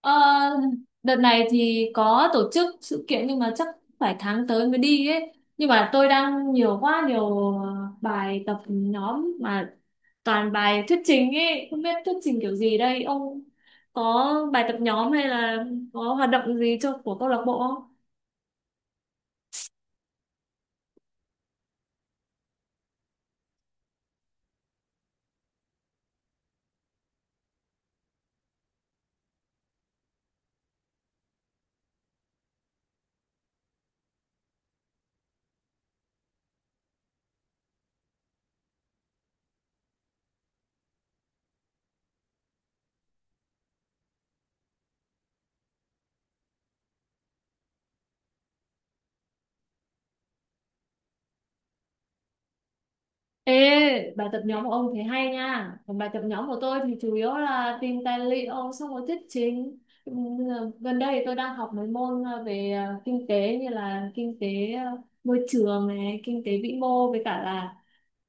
Ờ, đợt này thì có tổ chức sự kiện nhưng mà chắc phải tháng tới mới đi ấy. Nhưng mà tôi đang nhiều quá nhiều bài tập nhóm mà toàn bài thuyết trình ấy, không biết thuyết trình kiểu gì đây. Ông có bài tập nhóm hay là có hoạt động gì cho của câu lạc bộ không? Ê, bài tập nhóm của ông thấy hay nha. Còn bài tập nhóm của tôi thì chủ yếu là tìm tài liệu xong rồi thuyết trình. Ừm, Gần đây thì tôi đang học mấy môn về kinh tế như là kinh tế môi trường này, kinh tế vĩ mô với cả là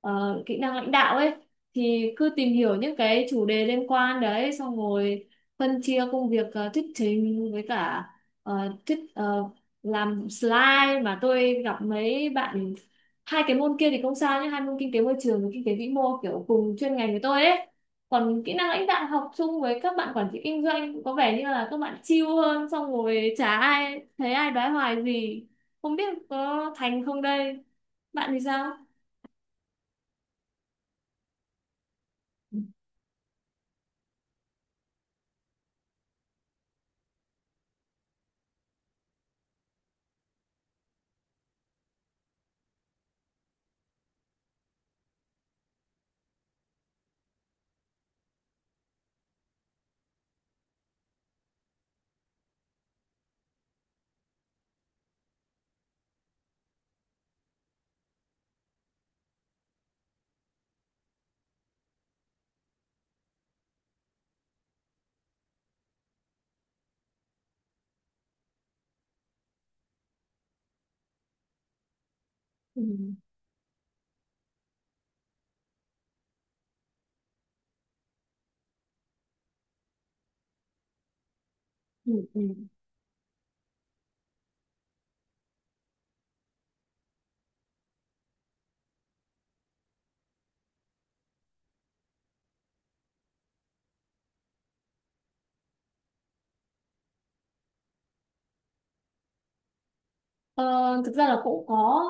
kỹ năng lãnh đạo ấy. Thì cứ tìm hiểu những cái chủ đề liên quan đấy xong rồi phân chia công việc thuyết trình với cả ờ, thuyết ờ, làm slide mà tôi gặp mấy bạn. Hai cái môn kia thì không sao nhé, hai môn kinh tế môi trường và kinh tế vĩ mô kiểu cùng chuyên ngành với tôi ấy, còn kỹ năng lãnh đạo học chung với các bạn quản trị kinh doanh cũng có vẻ như là các bạn chill hơn, xong rồi chả ai thấy ai đoái hoài gì, không biết có thành không đây. Bạn thì sao? Ừ, ừ, ừ. Ờ, thực ra là cũng có.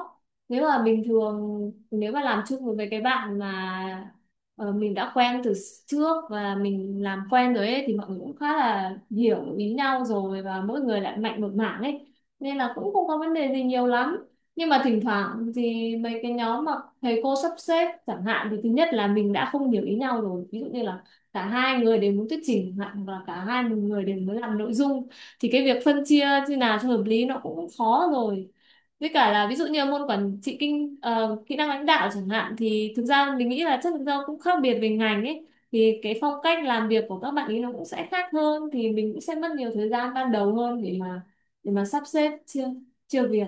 Nếu mà bình thường nếu mà làm chung với mấy cái bạn mà mình đã quen từ trước và mình làm quen rồi ấy thì mọi người cũng khá là hiểu ý nhau rồi, và mỗi người lại mạnh một mảng ấy nên là cũng không có vấn đề gì nhiều lắm. Nhưng mà thỉnh thoảng thì mấy cái nhóm mà thầy cô sắp xếp chẳng hạn thì thứ nhất là mình đã không hiểu ý nhau rồi, ví dụ như là cả hai người đều muốn thuyết trình chẳng hạn, hoặc là cả hai người đều muốn làm nội dung, thì cái việc phân chia như nào cho hợp lý nó cũng khó rồi. Với cả là ví dụ như môn quản trị kỹ năng lãnh đạo chẳng hạn thì thực ra mình nghĩ là chắc thực ra cũng khác biệt về ngành ấy, thì cái phong cách làm việc của các bạn ấy nó cũng sẽ khác hơn, thì mình cũng sẽ mất nhiều thời gian ban đầu hơn để mà, để mà sắp xếp chia, chia việc.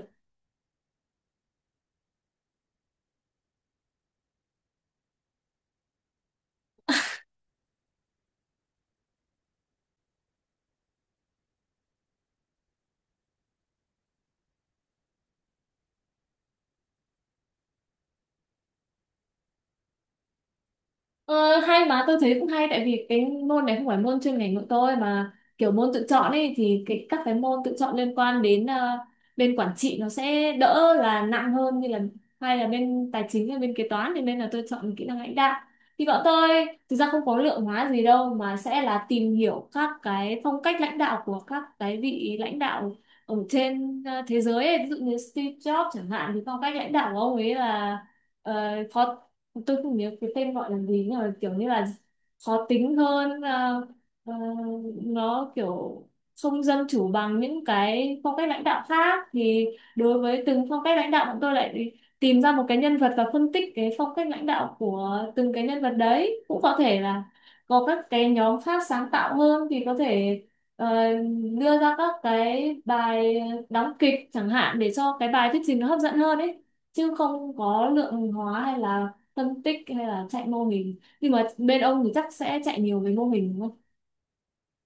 Ờ, hay mà tôi thấy cũng hay, tại vì cái môn này không phải môn chuyên ngành của tôi mà kiểu môn tự chọn ấy, thì cái các cái môn tự chọn liên quan đến bên quản trị nó sẽ đỡ là nặng hơn, như là hay là bên tài chính hay bên kế toán, thì nên là tôi chọn kỹ năng lãnh đạo. Thì bọn tôi thực ra không có lượng hóa gì đâu, mà sẽ là tìm hiểu các cái phong cách lãnh đạo của các cái vị lãnh đạo ở trên thế giới ấy. Ví dụ như Steve Jobs chẳng hạn, thì phong cách lãnh đạo của ông ấy là uh, tôi không nhớ cái tên gọi là gì, nhưng mà kiểu như là khó tính hơn ờ, nó kiểu không dân chủ bằng những cái phong cách lãnh đạo khác. Thì đối với từng phong cách lãnh đạo, bọn tôi lại tìm ra một cái nhân vật và phân tích cái phong cách lãnh đạo của từng cái nhân vật đấy. Cũng có thể là có các cái nhóm khác sáng tạo hơn thì có thể ờ, đưa ra các cái bài đóng kịch chẳng hạn để cho cái bài thuyết trình nó hấp dẫn hơn ấy, chứ không có lượng hóa hay là phân tích hay là chạy mô hình. Nhưng mà bên ông thì chắc sẽ chạy nhiều về mô hình đúng không?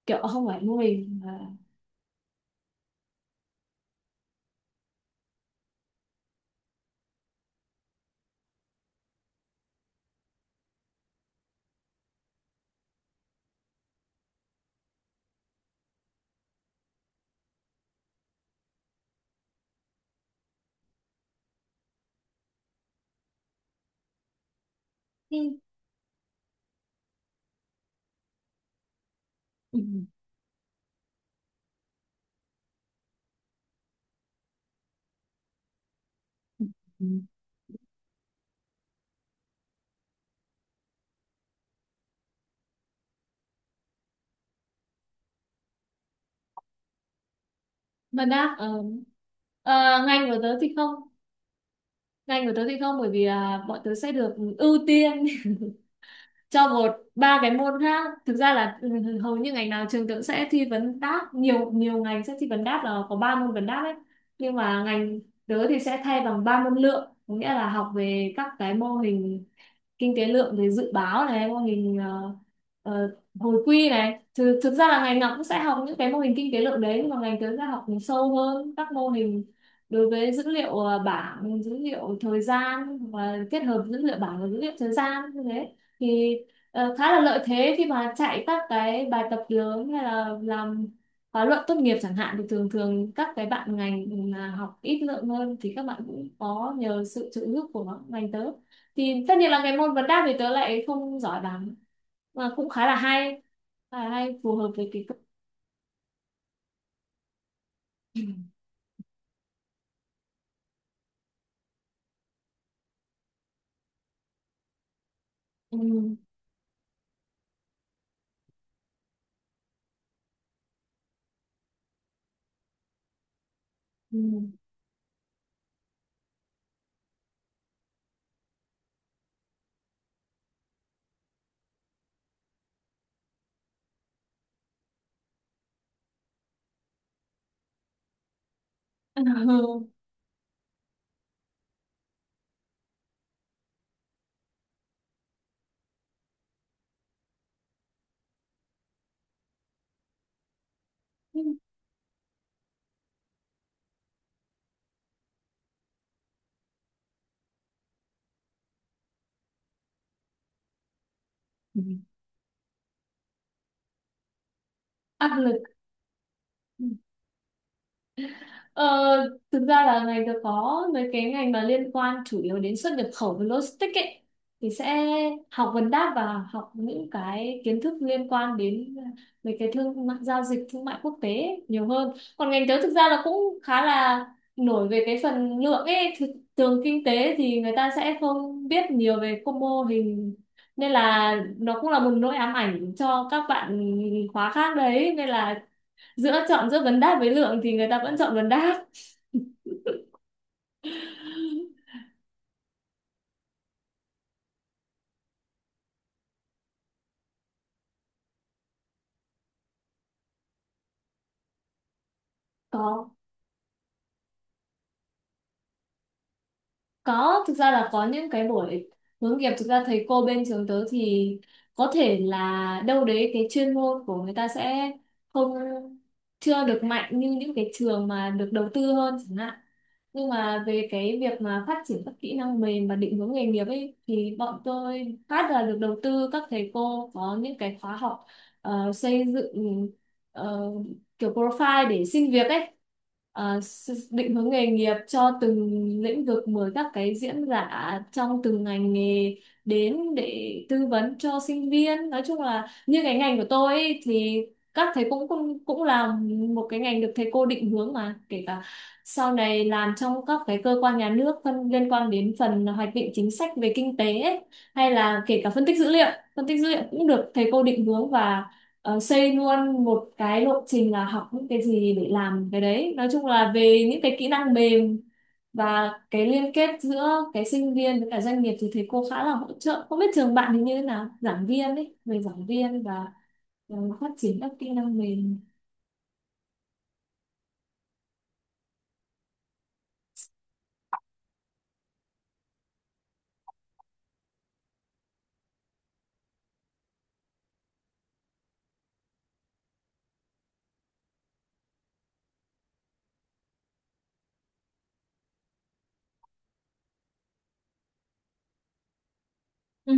Kiểu không phải mô hình mà. Ừ. Ừ. Ừ. Mà đáp ngành của tớ thì không, ngành của tớ thì không, bởi vì là bọn tớ sẽ được ưu tiên cho một ba cái môn khác. Thực ra là ừ, hầu như ngành nào trường tớ cũng sẽ thi vấn đáp nhiều, nhiều ngành sẽ thi vấn đáp là có ba môn vấn đáp ấy, nhưng mà ngành tớ thì sẽ thay bằng ba môn lượng, có nghĩa là học về các cái mô hình kinh tế lượng, về dự báo này, mô hình hồi quy này. Thực ra là ngành nào cũng sẽ học những cái mô hình kinh tế lượng đấy, nhưng mà ngành tớ sẽ học sâu hơn các mô hình đối với dữ liệu bảng, dữ liệu thời gian và kết hợp dữ liệu bảng và dữ liệu thời gian như thế, thì khá là lợi thế khi mà chạy các cái bài tập lớn hay là làm khóa luận tốt nghiệp chẳng hạn. Thì thường thường các cái bạn ngành mà học ít lượng hơn thì các bạn cũng có nhờ sự trợ giúp của ngành tớ. Thì tất nhiên là cái môn vấn đáp thì tớ lại không giỏi lắm, mà cũng khá là hay, khá là hay, phù hợp với cái. Ừ. Ừ. Áp lực. Ờ, thực ra là ngành được có mấy cái ngành mà liên quan chủ yếu đến xuất nhập khẩu và logistics ấy thì sẽ học vấn đáp và học những cái kiến thức liên quan đến mấy cái thương mại, giao dịch thương mại quốc tế ấy, nhiều hơn. Còn ngành tớ thực ra là cũng khá là nổi về cái phần lượng ấy. Thường kinh tế thì người ta sẽ không biết nhiều về các mô hình, nên là nó cũng là một nỗi ám ảnh cho các bạn khóa khác đấy, nên là giữa chọn giữa vấn đáp với lượng thì người ta vẫn chọn vấn đáp. có có, thực ra là có những cái buổi hướng nghiệp. Thực ra thầy cô bên trường tớ thì có thể là đâu đấy cái chuyên môn của người ta sẽ không chưa được mạnh như những cái trường mà được đầu tư hơn chẳng hạn, nhưng mà về cái việc mà phát triển các kỹ năng mềm và định hướng nghề nghiệp ấy thì bọn tôi phát là được đầu tư. Các thầy cô có những cái khóa học xây dựng ờ, kiểu profile để xin việc ấy. Ờ, định hướng nghề nghiệp cho từng lĩnh vực, mời các cái diễn giả trong từng ngành nghề đến để tư vấn cho sinh viên. Nói chung là như cái ngành của tôi ấy, thì các thầy cũng cũng cũng là một cái ngành được thầy cô định hướng, mà kể cả sau này làm trong các cái cơ quan nhà nước phân liên quan đến phần hoạch định chính sách về kinh tế ấy, hay là kể cả phân tích dữ liệu, phân tích dữ liệu cũng được thầy cô định hướng và xây luôn một cái lộ trình là học những cái gì để làm cái đấy. Nói chung là về những cái kỹ năng mềm và cái liên kết giữa cái sinh viên với cả doanh nghiệp thì thầy cô khá là hỗ trợ. Không biết trường bạn thì như thế nào, giảng viên ấy, về giảng viên và phát triển các kỹ năng mềm? Ừ.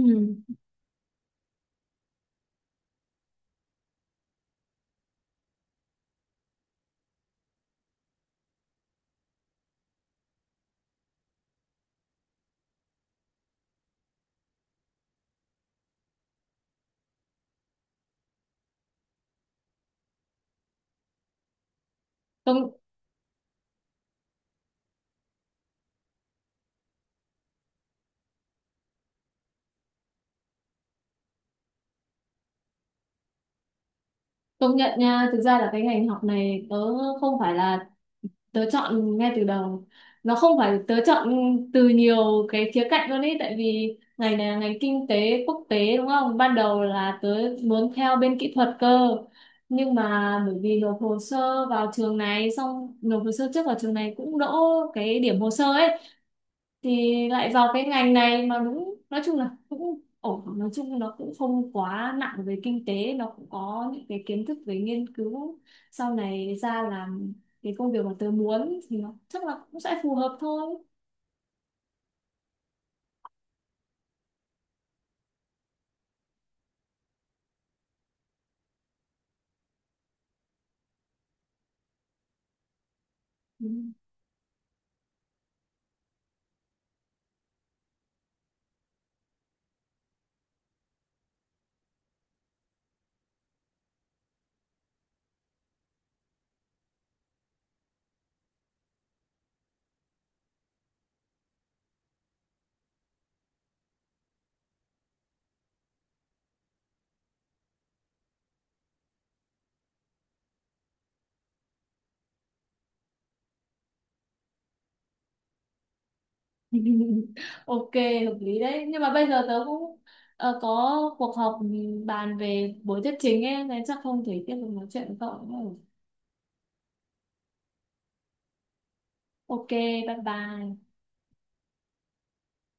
công Công nhận nha, thực ra là cái ngành học này tớ không phải là tớ chọn ngay từ đầu, nó không phải tớ chọn từ nhiều cái khía cạnh luôn ấy, tại vì ngành này là ngành kinh tế quốc tế đúng không, ban đầu là tớ muốn theo bên kỹ thuật cơ. Nhưng mà bởi vì nộp hồ sơ vào trường này, xong nộp hồ sơ trước vào trường này cũng đỗ, cái điểm hồ sơ ấy, thì lại vào cái ngành này. Mà đúng nói chung là cũng ổn, nói chung nó cũng không quá nặng về kinh tế, nó cũng có những cái kiến thức về nghiên cứu. Sau này ra làm cái công việc mà tớ muốn thì nó chắc là cũng sẽ phù hợp thôi. Ừ. OK, hợp lý đấy, nhưng mà bây giờ tớ cũng có cuộc họp bàn về buổi thuyết trình ấy, nên chắc không thể tiếp tục nói chuyện với cậu nữa. OK, bye bye.